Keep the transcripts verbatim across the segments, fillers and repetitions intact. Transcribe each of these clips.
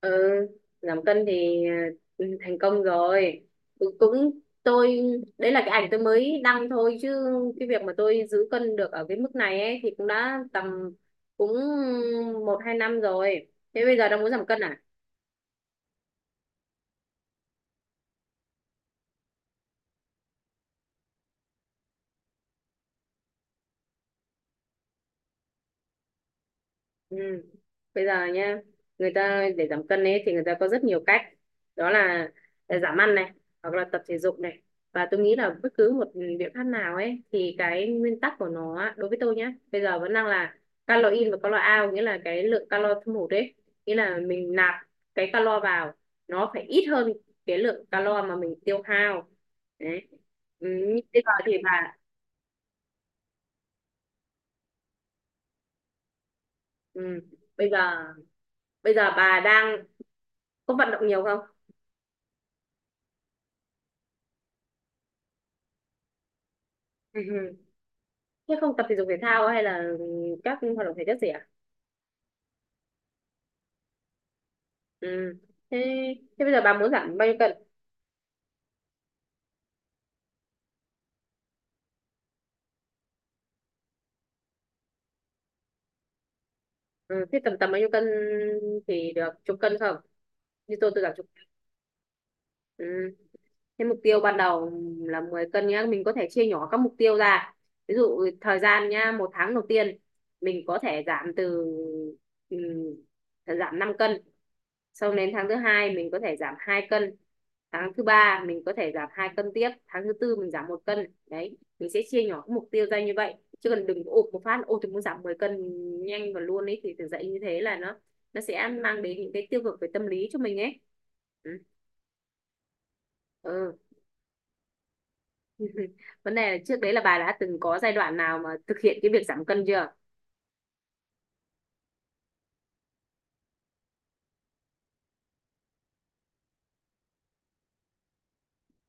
ừ Giảm cân thì à, ừ, thành công rồi, cũng, cũng tôi. Đấy là cái ảnh tôi mới đăng thôi, chứ cái việc mà tôi giữ cân được ở cái mức này ấy thì cũng đã tầm cũng một hai năm rồi. Thế bây giờ đang muốn giảm cân à? Ừ. Bây giờ nhá, người ta để giảm cân ấy thì người ta có rất nhiều cách. Đó là à, giảm ăn này, hoặc là tập thể dục này. Và tôi nghĩ là bất cứ một biện pháp nào ấy thì cái nguyên tắc của nó á, đối với tôi nhá, bây giờ vẫn đang là calo in và calo out, nghĩa là cái lượng calo thâm hụt ấy, nghĩa là mình nạp cái calo vào nó phải ít hơn cái lượng calo mà mình tiêu hao. Đấy. Ừ, nhưng bây giờ thì bà ừ, bây giờ bây giờ bà đang có vận động nhiều không? Thế không tập thể dục thể thao hay là các hoạt động thể chất gì à? Ừ. Thế, thế bây giờ bà muốn giảm bao nhiêu cân? Ừ. Thế tầm tầm bao nhiêu cân thì được? Chục cân không? Như tôi tôi giảm chục. Ừ. Thế mục tiêu ban đầu là mười cân nhá, mình có thể chia nhỏ các mục tiêu ra. Ví dụ thời gian nhá, một tháng đầu tiên mình có thể giảm từ ừ, giảm năm cân. Sau đến tháng thứ hai mình có thể giảm hai cân. Tháng thứ ba mình có thể giảm hai cân tiếp, tháng thứ tư mình giảm một cân. Đấy, mình sẽ chia nhỏ các mục tiêu ra như vậy. Chứ còn đừng ộp một phát, ôi tôi muốn giảm mười cân nhanh và luôn ấy, thì thực dậy như thế là nó nó sẽ mang đến những cái tiêu cực về tâm lý cho mình ấy. Ừ. Ừ. Vấn đề là trước đấy là bà đã từng có giai đoạn nào mà thực hiện cái việc giảm cân chưa?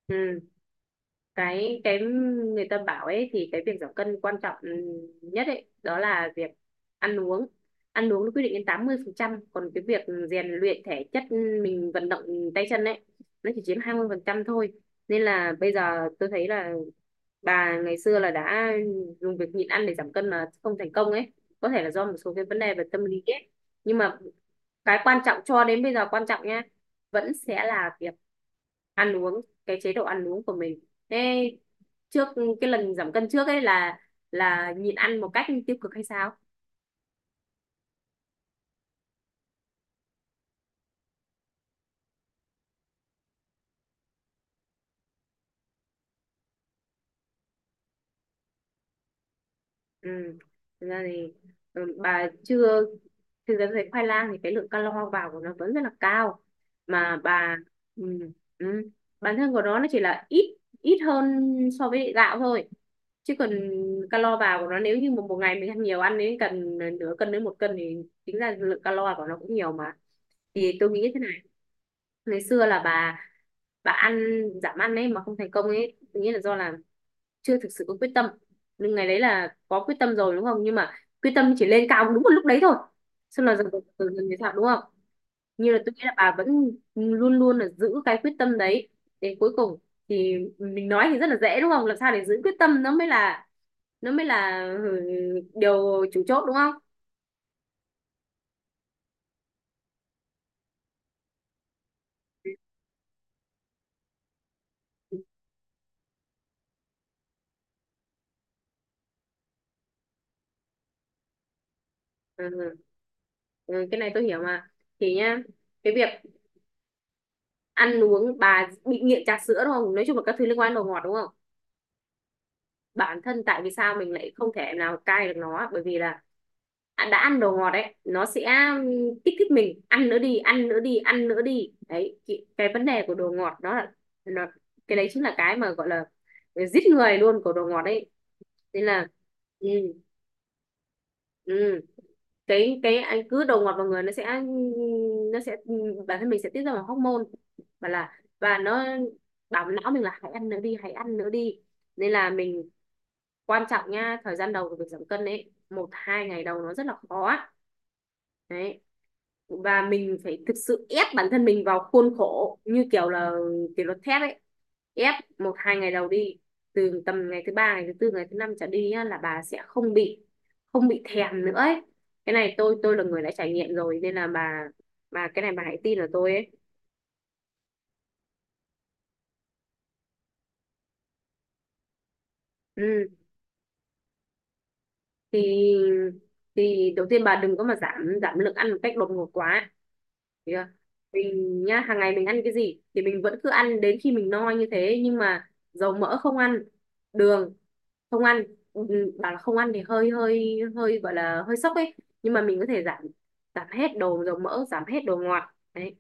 Ừ, cái cái người ta bảo ấy thì cái việc giảm cân quan trọng nhất ấy đó là việc ăn uống. Ăn uống nó quyết định đến tám mươi phần trăm, còn cái việc rèn luyện thể chất, mình vận động tay chân ấy, nó chỉ chiếm hai mươi phần trăm thôi. Nên là bây giờ tôi thấy là bà ngày xưa là đã dùng việc nhịn ăn để giảm cân mà không thành công ấy, có thể là do một số cái vấn đề về tâm lý ấy, nhưng mà cái quan trọng cho đến bây giờ, quan trọng nha, vẫn sẽ là việc ăn uống, cái chế độ ăn uống của mình. Thế trước cái lần giảm cân trước ấy là là nhịn ăn một cách tiêu cực hay sao? Ừ. Thực ra thì ừ, bà chưa thực ra thấy khoai lang thì cái lượng calo vào của nó vẫn rất là cao, mà bà ừ, ừ, bản thân của nó nó chỉ là ít ít hơn so với gạo thôi, chứ còn calo vào của nó nếu như một, một ngày mình ăn nhiều, ăn đến cần nửa cân đến một cân thì tính ra lượng calo của nó cũng nhiều mà, thì tôi nghĩ thế. Ngày xưa là bà bà ăn giảm ăn ấy mà không thành công ấy, nghĩa là do là chưa thực sự có quyết tâm. Nhưng ngày đấy là có quyết tâm rồi đúng không, nhưng mà quyết tâm chỉ lên cao đúng một lúc đấy thôi, xong là dần dần dần dần thì sao đúng không? Như là tôi nghĩ là bà vẫn luôn luôn là giữ cái quyết tâm đấy đến cuối cùng, thì mình nói thì rất là dễ đúng không, làm sao để giữ quyết tâm, nó mới là, nó mới là ừ, điều chủ chốt đúng không? Ừ. Ừ. Ừ. Ừ, cái này tôi hiểu mà. Thì nhá, cái việc ăn uống, bà bị nghiện trà sữa đúng không, nói chung là các thứ liên quan đến đồ ngọt đúng không. Bản thân tại vì sao mình lại không thể nào cai được nó, bởi vì là à, đã ăn đồ ngọt đấy nó sẽ kích thích mình, ăn nữa đi, ăn nữa đi, ăn nữa đi. Đấy cái, vấn đề của đồ ngọt đó là nó, cái đấy chính là cái mà gọi là giết người luôn của đồ ngọt đấy, nên là. Ừ, ừ. Cái cái anh cứ đầu ngọt vào người, nó sẽ nó sẽ ừ, bản thân mình sẽ tiết ra một hormone, và là và nó bảo não mình là hãy ăn nữa đi, hãy ăn nữa đi. Nên là mình, quan trọng nha, thời gian đầu của việc giảm cân ấy, một hai ngày đầu nó rất là khó á. Đấy, và mình phải thực sự ép bản thân mình vào khuôn khổ, như kiểu là kỷ luật thép ấy. Ép một hai ngày đầu đi, từ tầm ngày thứ ba, ngày thứ tư, ngày thứ năm trở đi nhá, là bà sẽ không bị, không bị thèm nữa ấy. Cái này tôi tôi là người đã trải nghiệm rồi, nên là bà bà cái này bà hãy tin vào tôi ấy. Ừ, thì thì đầu tiên bà đừng có mà giảm giảm lượng ăn một cách đột ngột quá. Thấy chưa? Mình nhá, hàng ngày mình ăn cái gì thì mình vẫn cứ ăn đến khi mình no như thế, nhưng mà dầu mỡ không ăn, đường không ăn. Ừ, ừ, bảo là không ăn thì hơi hơi hơi gọi là hơi sốc ấy, nhưng mà mình có thể giảm giảm hết đồ dầu mỡ, giảm hết đồ ngọt. Đấy,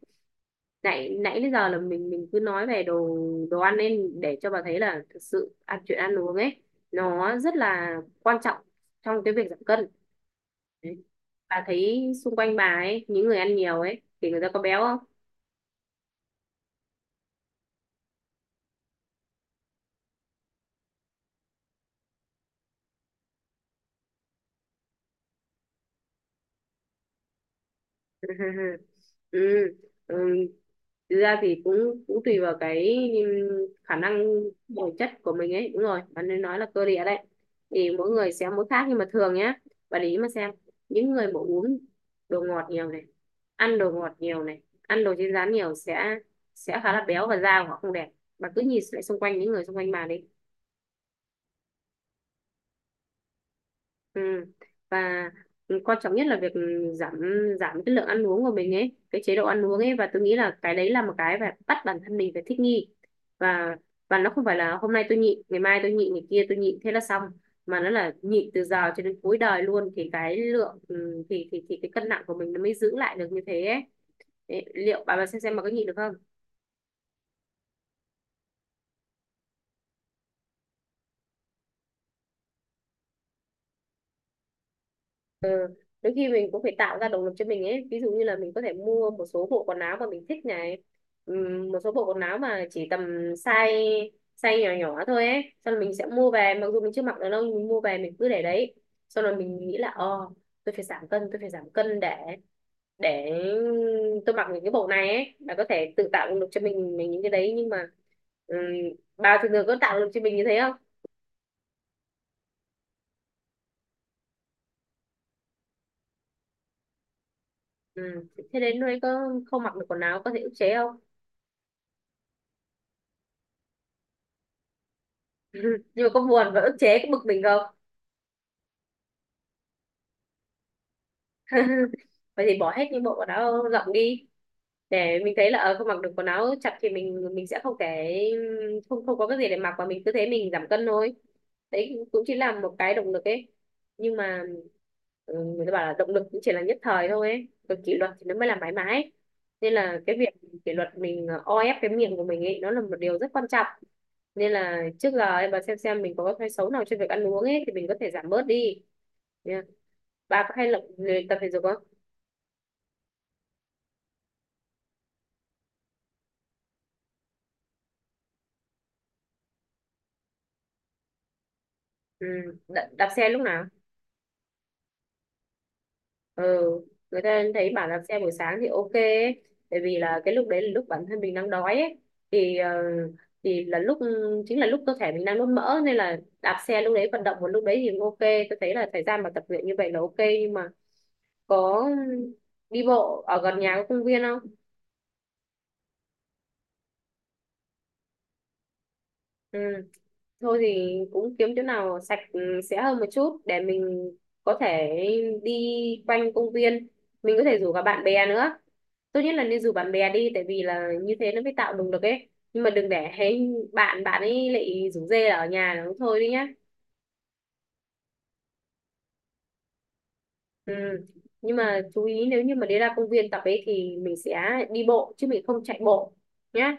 nãy nãy đến giờ là mình mình cứ nói về đồ đồ ăn, nên để cho bà thấy là thực sự ăn chuyện ăn uống ấy nó rất là quan trọng trong cái việc giảm cân. Đấy, bà thấy xung quanh bà ấy, những người ăn nhiều ấy thì người ta có béo không? Ừ. Ừ. Ừ. Thực ra thì cũng cũng tùy vào cái, ừm, khả năng bồi chất của mình ấy, đúng rồi bạn nên nói là cơ địa đấy, thì mỗi người sẽ mỗi khác, nhưng mà thường nhá, bạn để ý mà xem, những người mà uống đồ ngọt nhiều này, ăn đồ ngọt nhiều này, ăn đồ chiên rán nhiều, sẽ sẽ khá là béo và da của họ không đẹp. Bạn cứ nhìn lại xung quanh, những người xung quanh bạn đi. Ừ. Và quan trọng nhất là việc giảm, giảm cái lượng ăn uống của mình ấy, cái chế độ ăn uống ấy, và tôi nghĩ là cái đấy là một cái phải bắt bản thân mình phải thích nghi. Và và nó không phải là hôm nay tôi nhịn, ngày mai tôi nhịn, ngày kia tôi nhịn, thế là xong, mà nó là nhịn từ giờ cho đến cuối đời luôn thì cái lượng ừ, thì thì thì cái cân nặng của mình nó mới giữ lại được như thế ấy. Đấy, liệu bà bà xem xem bà có nhịn được không? Đôi khi mình cũng phải tạo ra động lực cho mình ấy, ví dụ như là mình có thể mua một số bộ quần áo mà mình thích này. Ừm, một số bộ quần áo mà chỉ tầm size size nhỏ nhỏ thôi ấy, xong rồi mình sẽ mua về, mặc dù mình chưa mặc được đâu, mình mua về mình cứ để đấy, xong rồi mình nghĩ là, ờ tôi phải giảm cân, tôi phải giảm cân để để tôi mặc những cái bộ này ấy, là có thể tự tạo động lực cho mình, mình những cái đấy, nhưng mà ừm, bà thường thường có tạo động lực cho mình như thế không? Ừ. Thế đến nơi có không mặc được quần áo có thể ức chế không? Nhưng mà có buồn và ức chế, cái bực mình không? Vậy thì bỏ hết những bộ quần áo rộng đi, để mình thấy là, ờ không mặc được quần áo chặt thì mình mình sẽ không cái không không có cái gì để mặc, và mình cứ thế mình giảm cân thôi. Đấy cũng chỉ là một cái động lực ấy, nhưng mà ừ, người ta bảo là động lực cũng chỉ là nhất thời thôi ấy, còn kỷ luật thì nó mới là mãi mãi, nên là cái việc kỷ luật mình, ờ, o ép cái miệng của mình ấy, nó là một điều rất quan trọng. Nên là trước giờ em bà xem xem mình có cái thói xấu nào trên việc ăn uống ấy thì mình có thể giảm bớt đi. Bà có hay luyện luyện tập thể dục không? Ừ. Đạp, đạp xe lúc nào? Ừ. Người ta thấy bảo đạp xe buổi sáng thì ok ấy. Tại vì là cái lúc đấy là lúc bản thân mình đang đói ấy. thì ờ, thì là lúc chính là lúc cơ thể mình đang đốt mỡ, nên là đạp xe lúc đấy vận động một lúc đấy thì cũng ok. Tôi thấy là thời gian mà tập luyện như vậy là ok, nhưng mà có đi bộ ở gần nhà có công viên không? Ừ. Thôi thì cũng kiếm chỗ nào sạch, ừ, sẽ hơn một chút để mình có thể đi quanh công viên. Mình có thể rủ cả bạn bè nữa. Tốt nhất là nên rủ bạn bè đi, tại vì là như thế nó mới tạo động lực ấy. Nhưng mà đừng để hay bạn bạn ấy lại rủ rê là ở nhà nó thôi đi nhá. Ừ. Nhưng mà chú ý nếu như mà đi ra công viên tập ấy thì mình sẽ đi bộ chứ mình không chạy bộ nhá.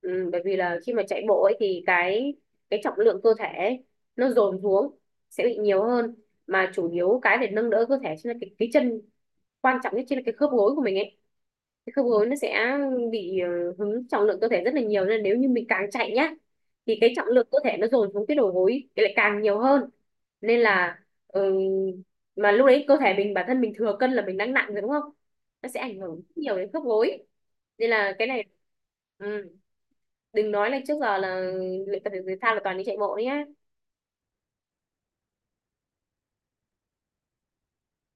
Ừ, bởi vì là khi mà chạy bộ ấy thì cái cái trọng lượng cơ thể ấy, nó dồn xuống sẽ bị nhiều hơn, mà chủ yếu cái để nâng đỡ cơ thể chính là cái, cái chân, quan trọng nhất chính là cái khớp gối của mình ấy. Cái khớp gối nó sẽ bị ờ, hứng trọng lượng cơ thể rất là nhiều, nên nếu như mình càng chạy nhá thì cái trọng lượng cơ thể nó dồn xuống cái đầu gối thì lại càng nhiều hơn. Nên là ừ, mà lúc đấy cơ thể mình bản thân mình thừa cân là mình đang nặng rồi đúng không, nó sẽ ảnh hưởng rất nhiều đến khớp gối. Nên là cái này ừ, đừng nói là trước giờ là luyện tập thể dục thể thao là toàn đi chạy bộ đấy nhá.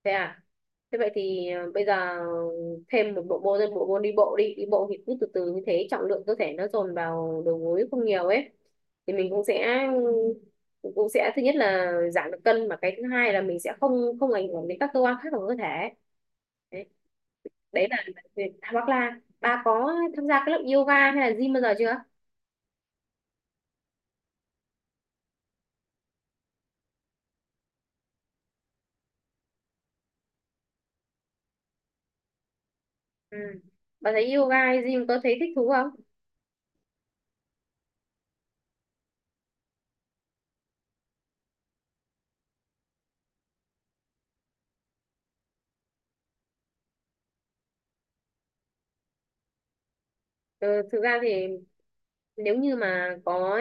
Thế à? Thế vậy thì ờ, bây giờ thêm một bộ môn, thêm bộ môn đi bộ đi. Đi bộ thì cứ từ từ như thế trọng lượng cơ thể nó dồn vào đầu gối không nhiều ấy, thì mình cũng sẽ cũng sẽ thứ nhất là giảm được cân, mà cái thứ hai là mình sẽ không không ảnh hưởng đến các cơ quan khác của cơ thể. Đấy, đấy là việc- hoặc là bà có tham gia cái lớp yoga hay là gym bao giờ chưa? Ừ. Bà thấy yoga hay gym có thấy thích thú không? Ừ, thực ra thì nếu như mà có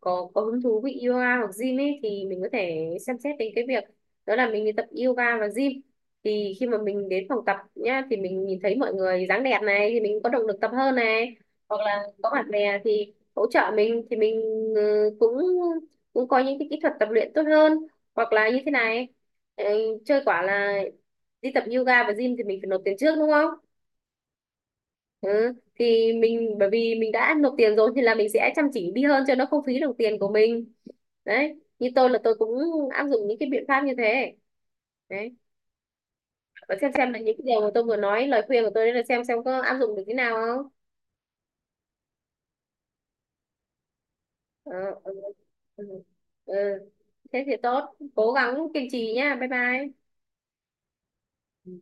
có có hứng thú với yoga hoặc gym ấy thì mình có thể xem xét đến cái việc đó là mình đi tập yoga và gym. Thì khi mà mình đến phòng tập nhá thì mình nhìn thấy mọi người dáng đẹp này thì mình có động lực tập hơn này, hoặc là có bạn bè thì hỗ trợ mình thì mình ừ, cũng cũng có những cái kỹ thuật tập luyện tốt hơn, hoặc là như thế này ừ, chơi quả là đi tập yoga và gym thì mình phải nộp tiền trước đúng không? Ừ. Thì mình bởi vì mình đã nộp tiền rồi thì là mình sẽ chăm chỉ đi hơn cho nó không phí đồng tiền của mình. Đấy, như tôi là tôi cũng áp dụng những cái biện pháp như thế đấy, và xem xem là những cái điều mà tôi vừa nói lời khuyên của tôi đấy là xem xem có áp dụng được thế nào không. Ờ, ừ. Ừ. Ừ. Thế thì tốt, cố gắng kiên trì nhá, bye bye.